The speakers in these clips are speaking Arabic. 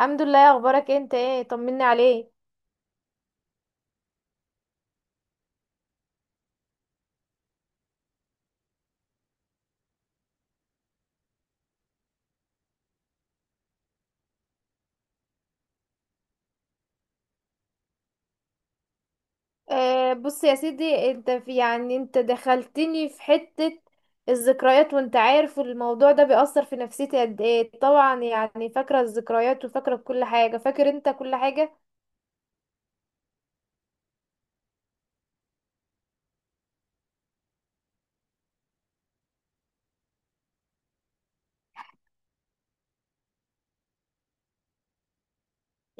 الحمد لله. اخبارك انت ايه؟ طمني عليك. بص يا سيدي، انت في يعني انت دخلتني في حتة الذكريات، وانت عارف الموضوع ده بيأثر في نفسيتي قد ايه طبعا، يعني فاكرة الذكريات وفاكرة كل حاجة، فاكر انت كل حاجة.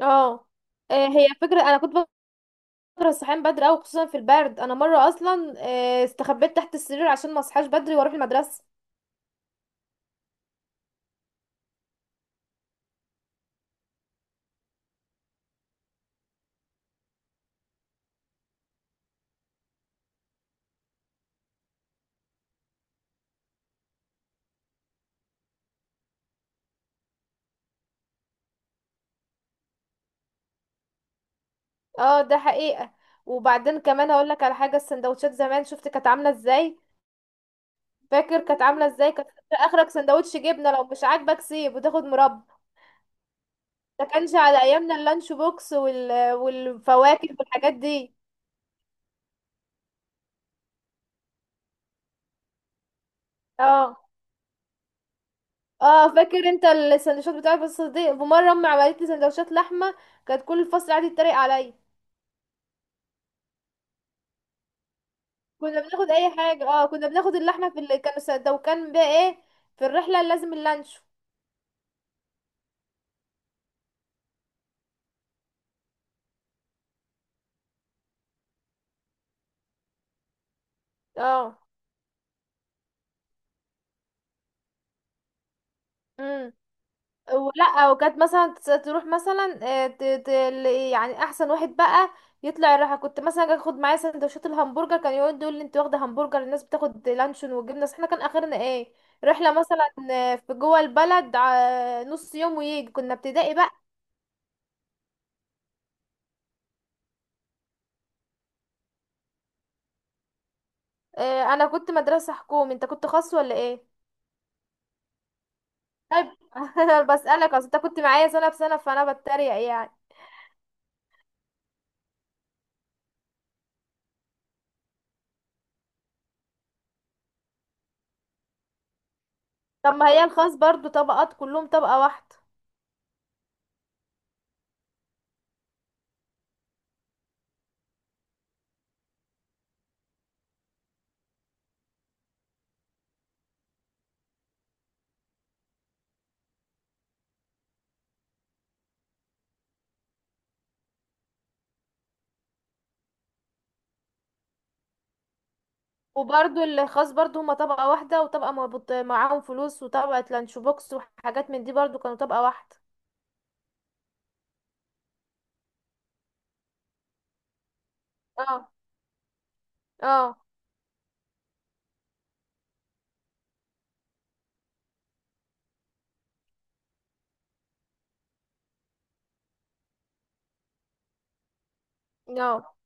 اه. هي فكرة، انا كنت بكره الصحيان بدري اوي، خصوصا في البرد. انا مرة اصلا استخبيت تحت السرير عشان ما اصحاش بدري واروح المدرسة. اه، ده حقيقة. وبعدين كمان هقول لك على حاجة، السندوتشات زمان شفت كانت عاملة ازاي؟ فاكر كانت عامله ازاي؟ كانت فاكرة، اخرك سندوتش جبنه، لو مش عاجبك سيب وتاخد مربى. ده كانش على ايامنا اللانش بوكس والفواكه والحاجات دي. اه. اه، فاكر انت السندوتشات بتاعت بس دي، ومره امي عملت لي سندوتشات لحمه، كانت كل الفصل قاعد يتريق عليا. كنا بناخد اي حاجه، اه، كنا بناخد اللحمه، في اللي كانوا سد- لو كان بقى ايه، في الرحله لازم اللانش. اه. مم. ولا، وكانت مثلا تروح مثلا، آه، ت- ت- ل- يعني احسن واحد بقى يطلع يروح. كنت مثلا أجي اخد معايا سندوتشات الهمبرجر، كان يقعد يقول لي انت واخده همبرجر، الناس بتاخد لانشون وجبنه، بس احنا كان اخرنا ايه؟ رحله مثلا في جوه البلد نص يوم ويجي، كنا ابتدائي بقى. انا كنت مدرسه حكومي، انت كنت خاص ولا ايه؟ طيب. أنا بسالك، اصل انت كنت معايا سنه بسنه، فانا بتريق يعني. طب، ما هي الخاص برضو طبقات كلهم طبقه واحده. وبرضو الخاص برضو هما طبقة واحدة، وطبقة مربوط معاهم فلوس، وطبقة لانش بوكس وحاجات من دي، برضو كانوا طبقة واحدة. اه. اه. اه.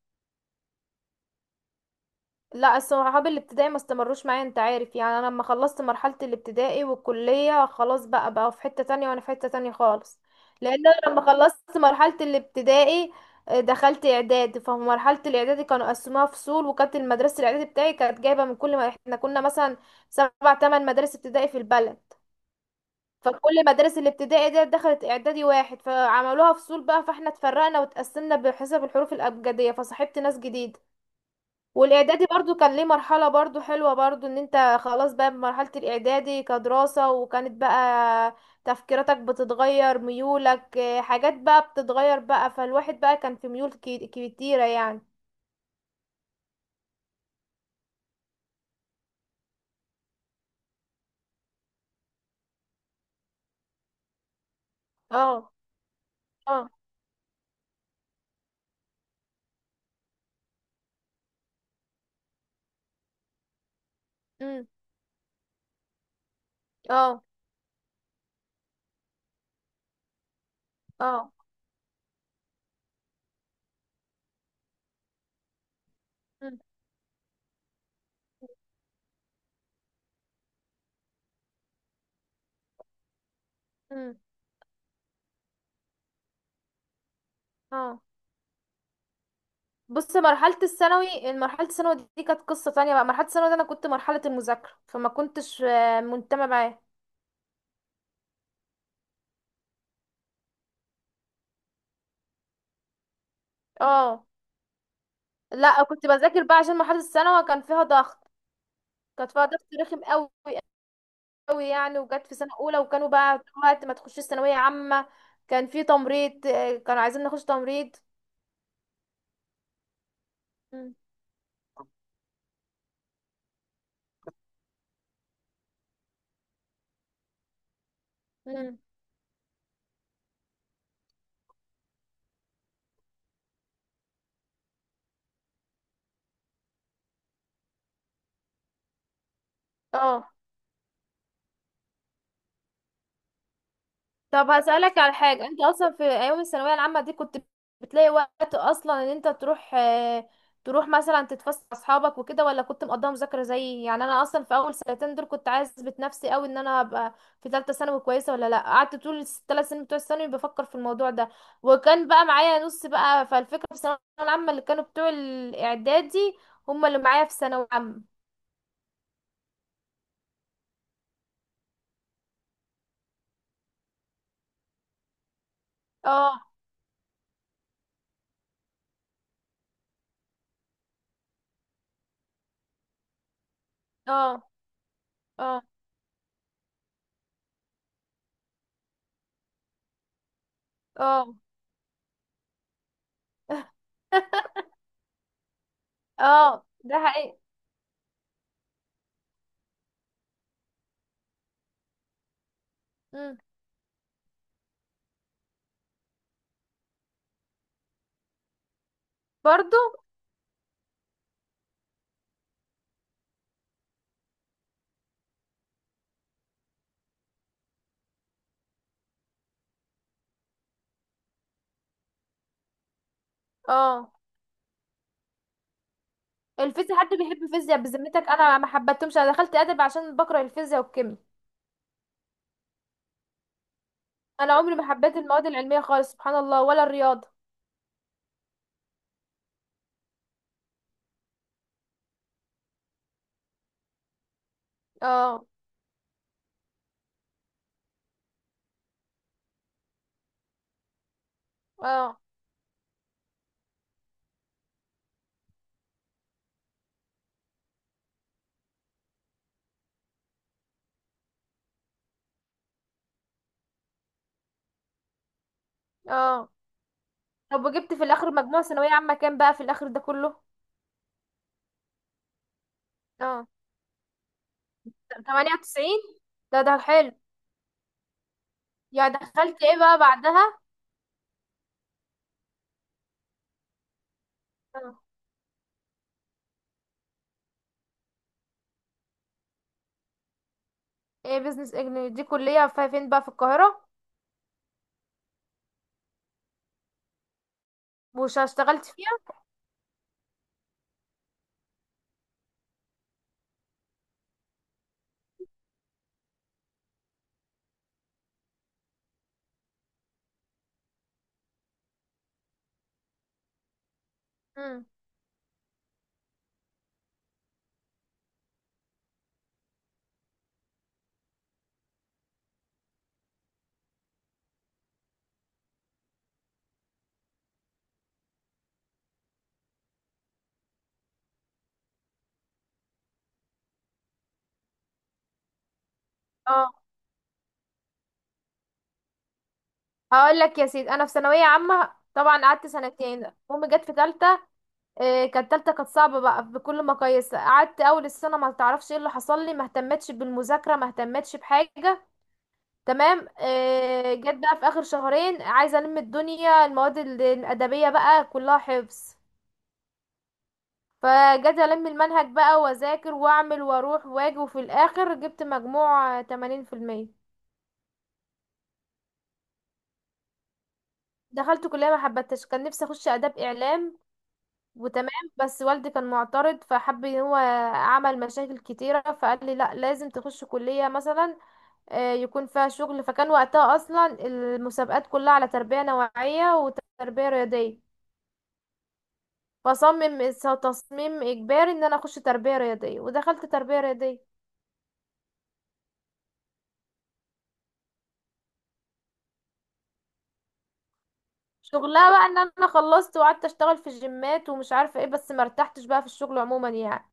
لا، صحابي الابتدائي ما استمروش معايا، انت عارف يعني. انا لما خلصت مرحلة الابتدائي والكلية خلاص بقى في حتة تانية وانا في حتة تانية خالص. لان انا لما خلصت مرحلة الابتدائي دخلت اعدادي، فمرحلة الاعدادي كانوا قسموها فصول، وكانت المدرسة الاعدادي بتاعي كانت جايبة من كل ما احنا كنا مثلا سبع تمن مدارس ابتدائي في البلد. فكل مدارس الابتدائي دي دخلت اعدادي واحد، فعملوها فصول بقى، فاحنا اتفرقنا واتقسمنا بحسب الحروف الابجديه، فصاحبت ناس جديده. والاعدادي برضو كان ليه مرحله برضو حلوه، برضو ان انت خلاص بقى بمرحله الاعدادي كدراسه، وكانت بقى تفكيراتك بتتغير، ميولك حاجات بقى بتتغير بقى، فالواحد بقى كان في ميول كتيره يعني. اه. اه. امم. اه. اه. امم. امم. اه، بص مرحلة الثانوي، مرحلة الثانوي دي كانت قصة تانية بقى. مرحلة الثانوي دي أنا كنت مرحلة المذاكرة، فما كنتش منتمة معاه. اه. لا كنت بذاكر بقى، عشان مرحلة الثانوي كان فيها ضغط. كانت فيها ضغط رخم قوي قوي يعني، وجت في سنة أولى وكانوا بقى طول الوقت ما تخشيش ثانوية عامة. كان في تمريض، كانوا عايزين نخش تمريض. مم. مم. اه، طب هسألك على حاجة، انت اصلا في ايام الثانوية العامة دي كنت بتلاقي وقت اصلا ان انت تروح مثلا تتفسح مع اصحابك وكده، ولا كنت مقضيها مذاكرة؟ زي يعني انا اصلا في اول سنتين دول كنت عايزة نفسي قوي ان انا ابقى في ثالثة ثانوي كويسة، ولا لا قعدت طول الثلاث سنين بتوع الثانوي بفكر في الموضوع ده. وكان بقى معايا نص بقى، فالفكرة في الثانوية العامة اللي كانوا بتوع الاعدادي هم اللي معايا في ثانوي عامة. اه. اه. اه. اه. اه، ده حقيقي. مم. برضو. اه. الفيزياء، حد بيحب الفيزياء بذمتك؟ انا ما حبيتهمش، انا دخلت ادب عشان بكره الفيزياء والكيمياء. انا عمري ما حبيت المواد العلميه خالص، سبحان الله، ولا الرياضه. اه. اه. اه، طب وجبت في الاخر مجموع ثانويه عامه كام بقى في الاخر ده كله؟ اه. 98. ده حلو. يعني دخلت ايه بقى بعدها؟ اه. ايه بيزنس اجنبي دي، كليه فين بقى في القاهره؟ وش اشتغلت فيها؟ امم اه، هقول لك يا سيدي. انا في ثانويه عامه طبعا قعدت سنتين، امي جت في ثالثه. إيه، كانت تالتة كانت صعبة بقى بكل مقاييس، قعدت اول السنة ما تعرفش ايه اللي حصل لي، ما اهتمتش بالمذاكرة، ما اهتمتش بحاجة. تمام. إيه، جت بقى في اخر شهرين عايزة الم الدنيا، المواد الادبية بقى كلها حفظ. فجيت الم المنهج بقى، واذاكر واعمل واروح واجي، وفي الاخر جبت مجموع 80%. دخلت كلية ما حبتش، كان نفسي اخش اداب اعلام، وتمام. بس والدي كان معترض فحب ان هو عمل مشاكل كتيرة، فقال لي لا لازم تخش كلية مثلا يكون فيها شغل. فكان وقتها اصلا المسابقات كلها على تربية نوعية وتربية رياضية، فصمم تصميم اجباري ان انا اخش تربية رياضية، ودخلت تربية رياضية. شغلها بقى ان انا خلصت وقعدت اشتغل في الجيمات ومش عارفة ايه، بس مرتحتش بقى في الشغل عموما يعني.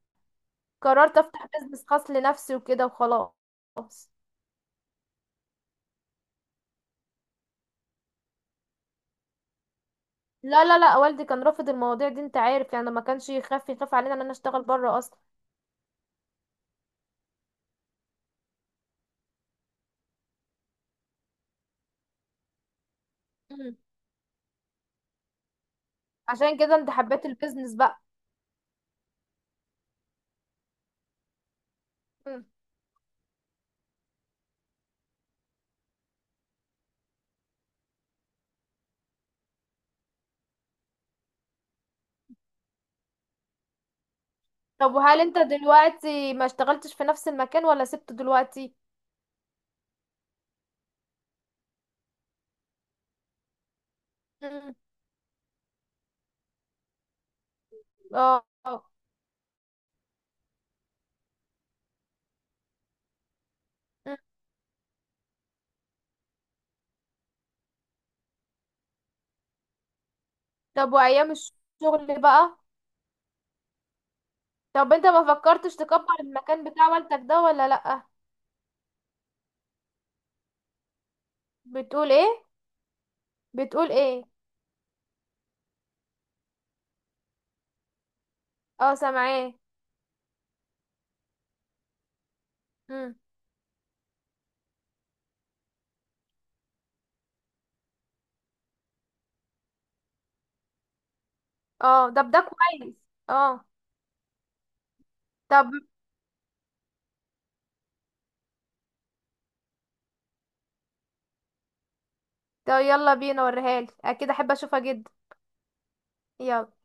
قررت افتح بيزنس خاص لنفسي وكده وخلاص. لا، لا، لا، والدي كان رافض المواضيع دي، انت عارف يعني، ما كانش يخاف علينا ان انا اشتغل بره اصلا. مم. عشان كده انت حبيت البيزنس بقى. مم. طب وهل انت دلوقتي ما اشتغلتش في نفس المكان ولا سبته دلوقتي؟ مم. اه. آه. مم. طب وايام الشغل بقى؟ طب انت ما فكرتش تكبر المكان بتاع والدك ده ولا لأ؟ بتقول ايه؟ بتقول ايه؟ اه، سامعاه. مم. اه، طب ده كويس. اه. طب. طب يلا بينا وريهالي، اكيد احب اشوفها جدا. يلا.